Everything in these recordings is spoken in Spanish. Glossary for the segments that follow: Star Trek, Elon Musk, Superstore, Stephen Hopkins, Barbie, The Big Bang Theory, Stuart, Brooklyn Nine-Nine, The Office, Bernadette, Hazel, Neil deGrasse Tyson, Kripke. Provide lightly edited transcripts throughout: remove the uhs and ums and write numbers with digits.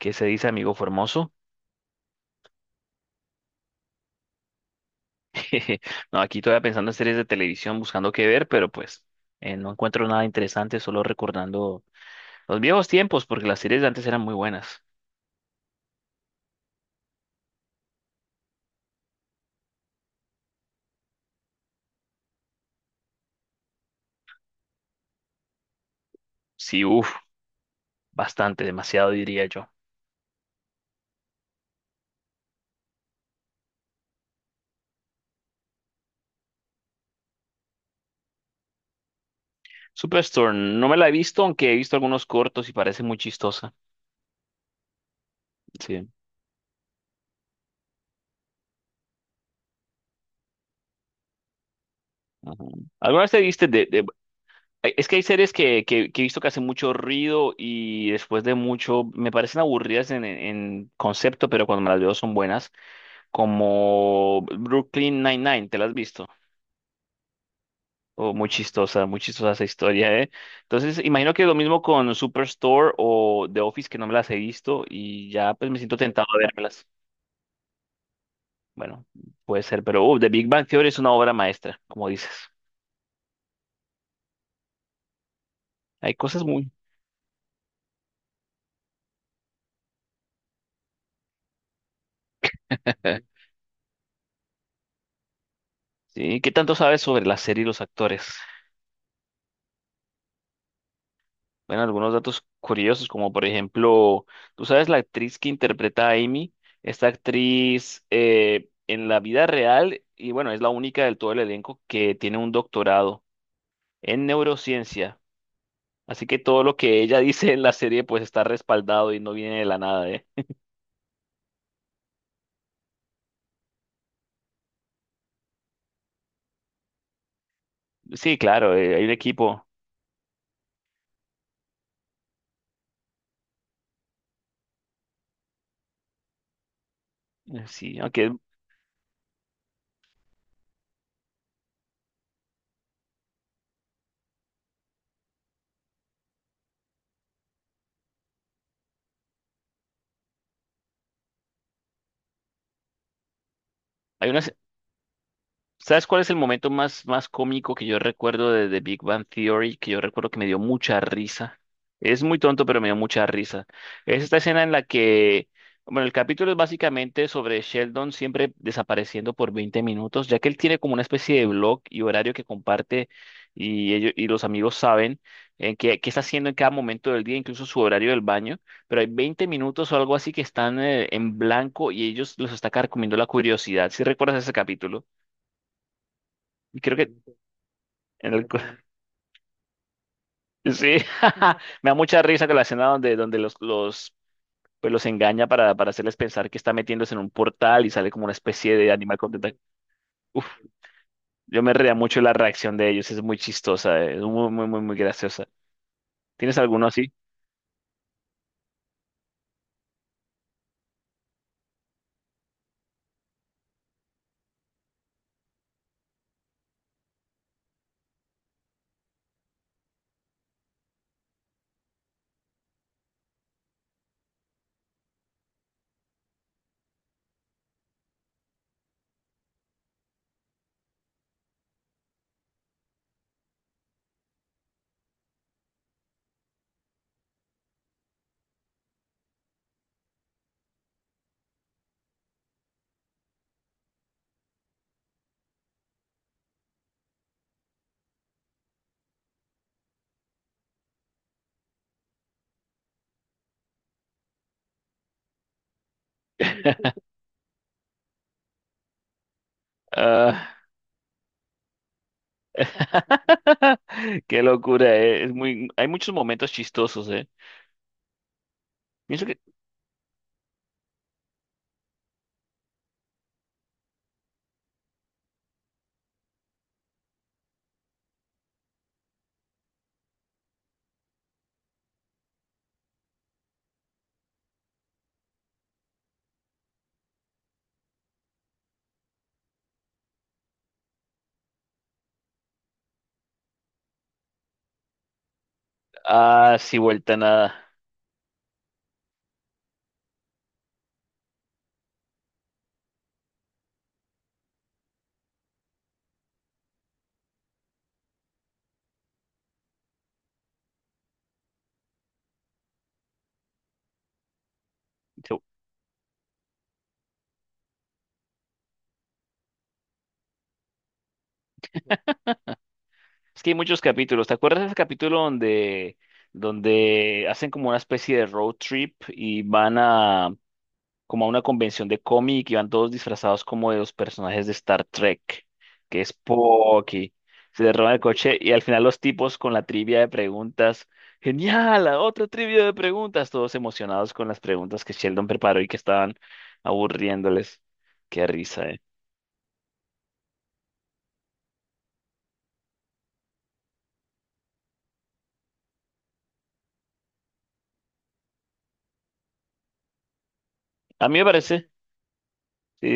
¿Qué se dice, amigo Formoso? No, aquí todavía pensando en series de televisión, buscando qué ver, pero no encuentro nada interesante, solo recordando los viejos tiempos, porque las series de antes eran muy buenas. Sí, uff, bastante, demasiado diría yo. Superstore, no me la he visto, aunque he visto algunos cortos y parece muy chistosa. Sí. Ajá. ¿Alguna vez te viste Es que hay series que he visto que hacen mucho ruido y después de mucho. Me parecen aburridas en concepto, pero cuando me las veo son buenas. Como Brooklyn Nine-Nine, ¿te la has visto? Oh, muy chistosa esa historia, ¿eh? Entonces, imagino que lo mismo con Superstore o The Office, que no me las he visto y ya pues me siento tentado a vérmelas. Bueno, puede ser, pero The Big Bang Theory es una obra maestra, como dices. Hay cosas muy… ¿Sí? ¿Qué tanto sabes sobre la serie y los actores? Bueno, algunos datos curiosos, como por ejemplo, tú sabes la actriz que interpreta a Amy, esta actriz en la vida real, y bueno, es la única del todo el elenco que tiene un doctorado en neurociencia. Así que todo lo que ella dice en la serie, pues está respaldado y no viene de la nada, ¿eh? Sí, claro, hay un equipo. Sí, aunque hay una, ¿sabes cuál es el momento más cómico que yo recuerdo de The Big Bang Theory? Que yo recuerdo que me dio mucha risa. Es muy tonto, pero me dio mucha risa. Es esta escena en la que, bueno, el capítulo es básicamente sobre Sheldon siempre desapareciendo por 20 minutos, ya que él tiene como una especie de blog y horario que comparte y ellos y los amigos saben qué está haciendo en cada momento del día, incluso su horario del baño, pero hay 20 minutos o algo así que están en blanco y ellos los está carcomiendo la curiosidad. ¿Si recuerdas ese capítulo? Y creo que, en el cu- sí, me da mucha risa con la escena donde pues los engaña para hacerles pensar que está metiéndose en un portal y sale como una especie de animal con tentáculos. Uf, yo me reía mucho la reacción de ellos, es muy chistosa, es muy, muy, muy, muy graciosa. ¿Tienes alguno así? Ah, qué locura, eh. Es muy, hay muchos momentos chistosos, eh. Pienso que, ah, sí, vuelta a nada, es que hay muchos capítulos. ¿Te acuerdas de ese capítulo donde, donde hacen como una especie de road trip y van a como a una convención de cómic y van todos disfrazados como de los personajes de Star Trek, que es Spocky. Se le roban el coche y al final los tipos con la trivia de preguntas. ¡Genial! ¡La otra trivia de preguntas! Todos emocionados con las preguntas que Sheldon preparó y que estaban aburriéndoles. Qué risa, eh. A mí me parece. Sí,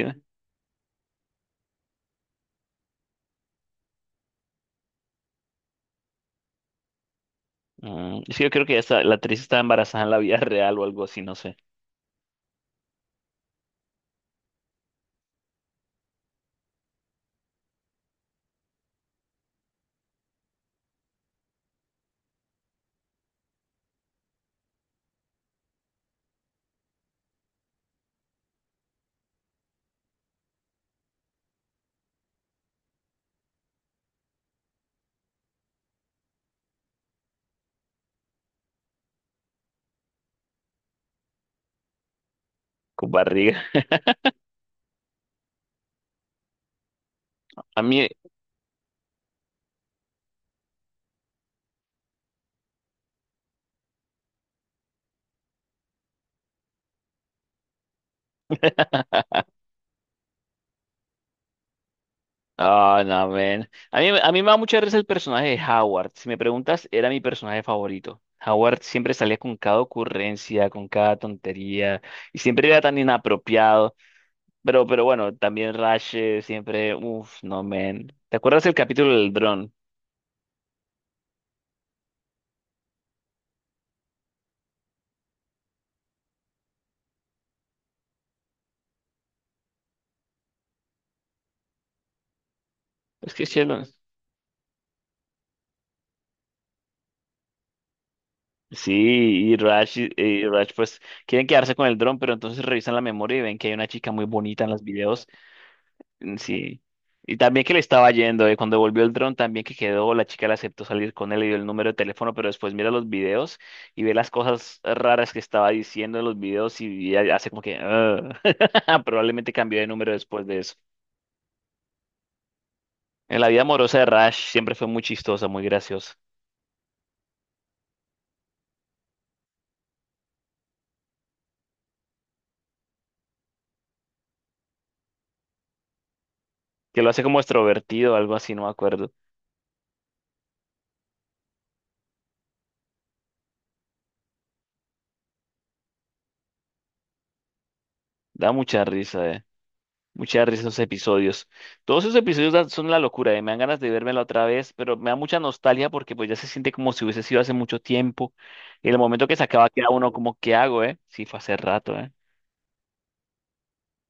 mm, es que yo creo que ya está- la actriz está embarazada en la vida real o algo así, no sé, con barriga. A mí, ah, no, man. A mí me da mucha risa el personaje de Howard. Si me preguntas, era mi personaje favorito. Howard siempre salía con cada ocurrencia, con cada tontería, y siempre era tan inapropiado. Pero bueno, también Rash siempre, uff, no, man. ¿Te acuerdas el capítulo del dron? Es que cielo. Sí, y Rash pues quieren quedarse con el dron, pero entonces revisan la memoria y ven que hay una chica muy bonita en los videos. Mm, sí. Y también que le estaba yendo, cuando volvió el dron también que quedó, la chica le aceptó salir con él, le dio el número de teléfono, pero después mira los videos y ve las cosas raras que estaba diciendo en los videos y ella hace como que "ah". Probablemente cambió de número después de eso. En la vida amorosa de Rash siempre fue muy chistosa, muy graciosa. Que lo hace como extrovertido o algo así, no me acuerdo. Da mucha risa, eh. Mucha risa esos episodios. Todos esos episodios dan- son la locura, eh. Me dan ganas de vérmela otra vez, pero me da mucha nostalgia porque pues ya se siente como si hubiese sido hace mucho tiempo. Y en el momento que se acaba queda uno como, ¿qué hago, eh? Sí, fue hace rato, eh.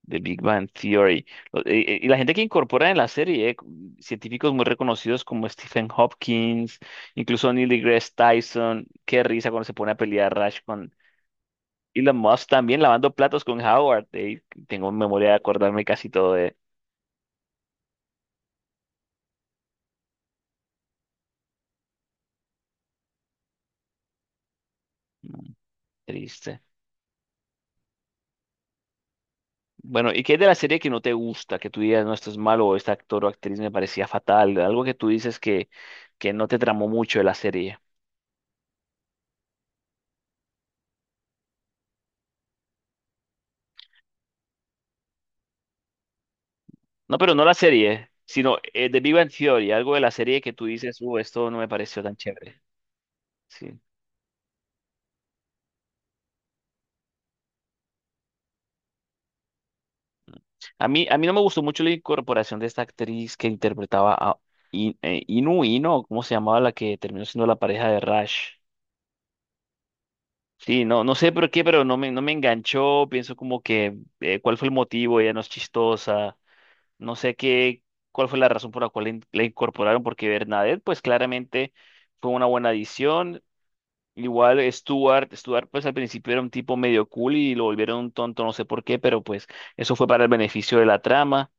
The Big Bang Theory. Y la gente que incorpora en la serie, científicos muy reconocidos como Stephen Hopkins, incluso Neil deGrasse Tyson. Qué risa cuando se pone a pelear Rush con Elon Musk también lavando platos con Howard. Tengo memoria de acordarme casi todo de… mm, triste. Bueno, ¿y qué es de la serie que no te gusta? Que tú digas, no, esto es malo, o este actor o actriz me parecía fatal. Algo que tú dices que no te tramó mucho de la serie. No, pero no la serie, sino de Big Bang Theory, algo de la serie que tú dices, esto no me pareció tan chévere. Sí. A mí no me gustó mucho la incorporación de esta actriz que interpretaba a Inu Ino, ¿cómo se llamaba la que terminó siendo la pareja de Rush? Sí, no, no sé por qué, pero no me enganchó. Pienso como que, ¿cuál fue el motivo? Ella no es chistosa. No sé qué, cuál fue la razón por la cual la incorporaron, porque Bernadette, pues claramente fue una buena adición. Igual Stuart, pues al principio era un tipo medio cool y lo volvieron un tonto, no sé por qué, pero pues eso fue para el beneficio de la trama.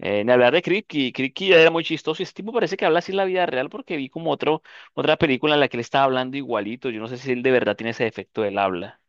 Ni hablar de Kripke ya era muy chistoso y ese tipo parece que habla así en la vida real porque vi como otro, otra película en la que él estaba hablando igualito. Yo no sé si él de verdad tiene ese defecto del habla.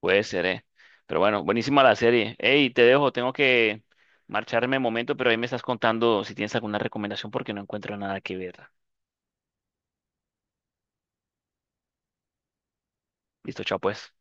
Puede ser, eh. Pero bueno, buenísima la serie. Hey, te dejo, tengo que marcharme un momento, pero ahí me estás contando si tienes alguna recomendación porque no encuentro nada que ver. Listo, chao pues.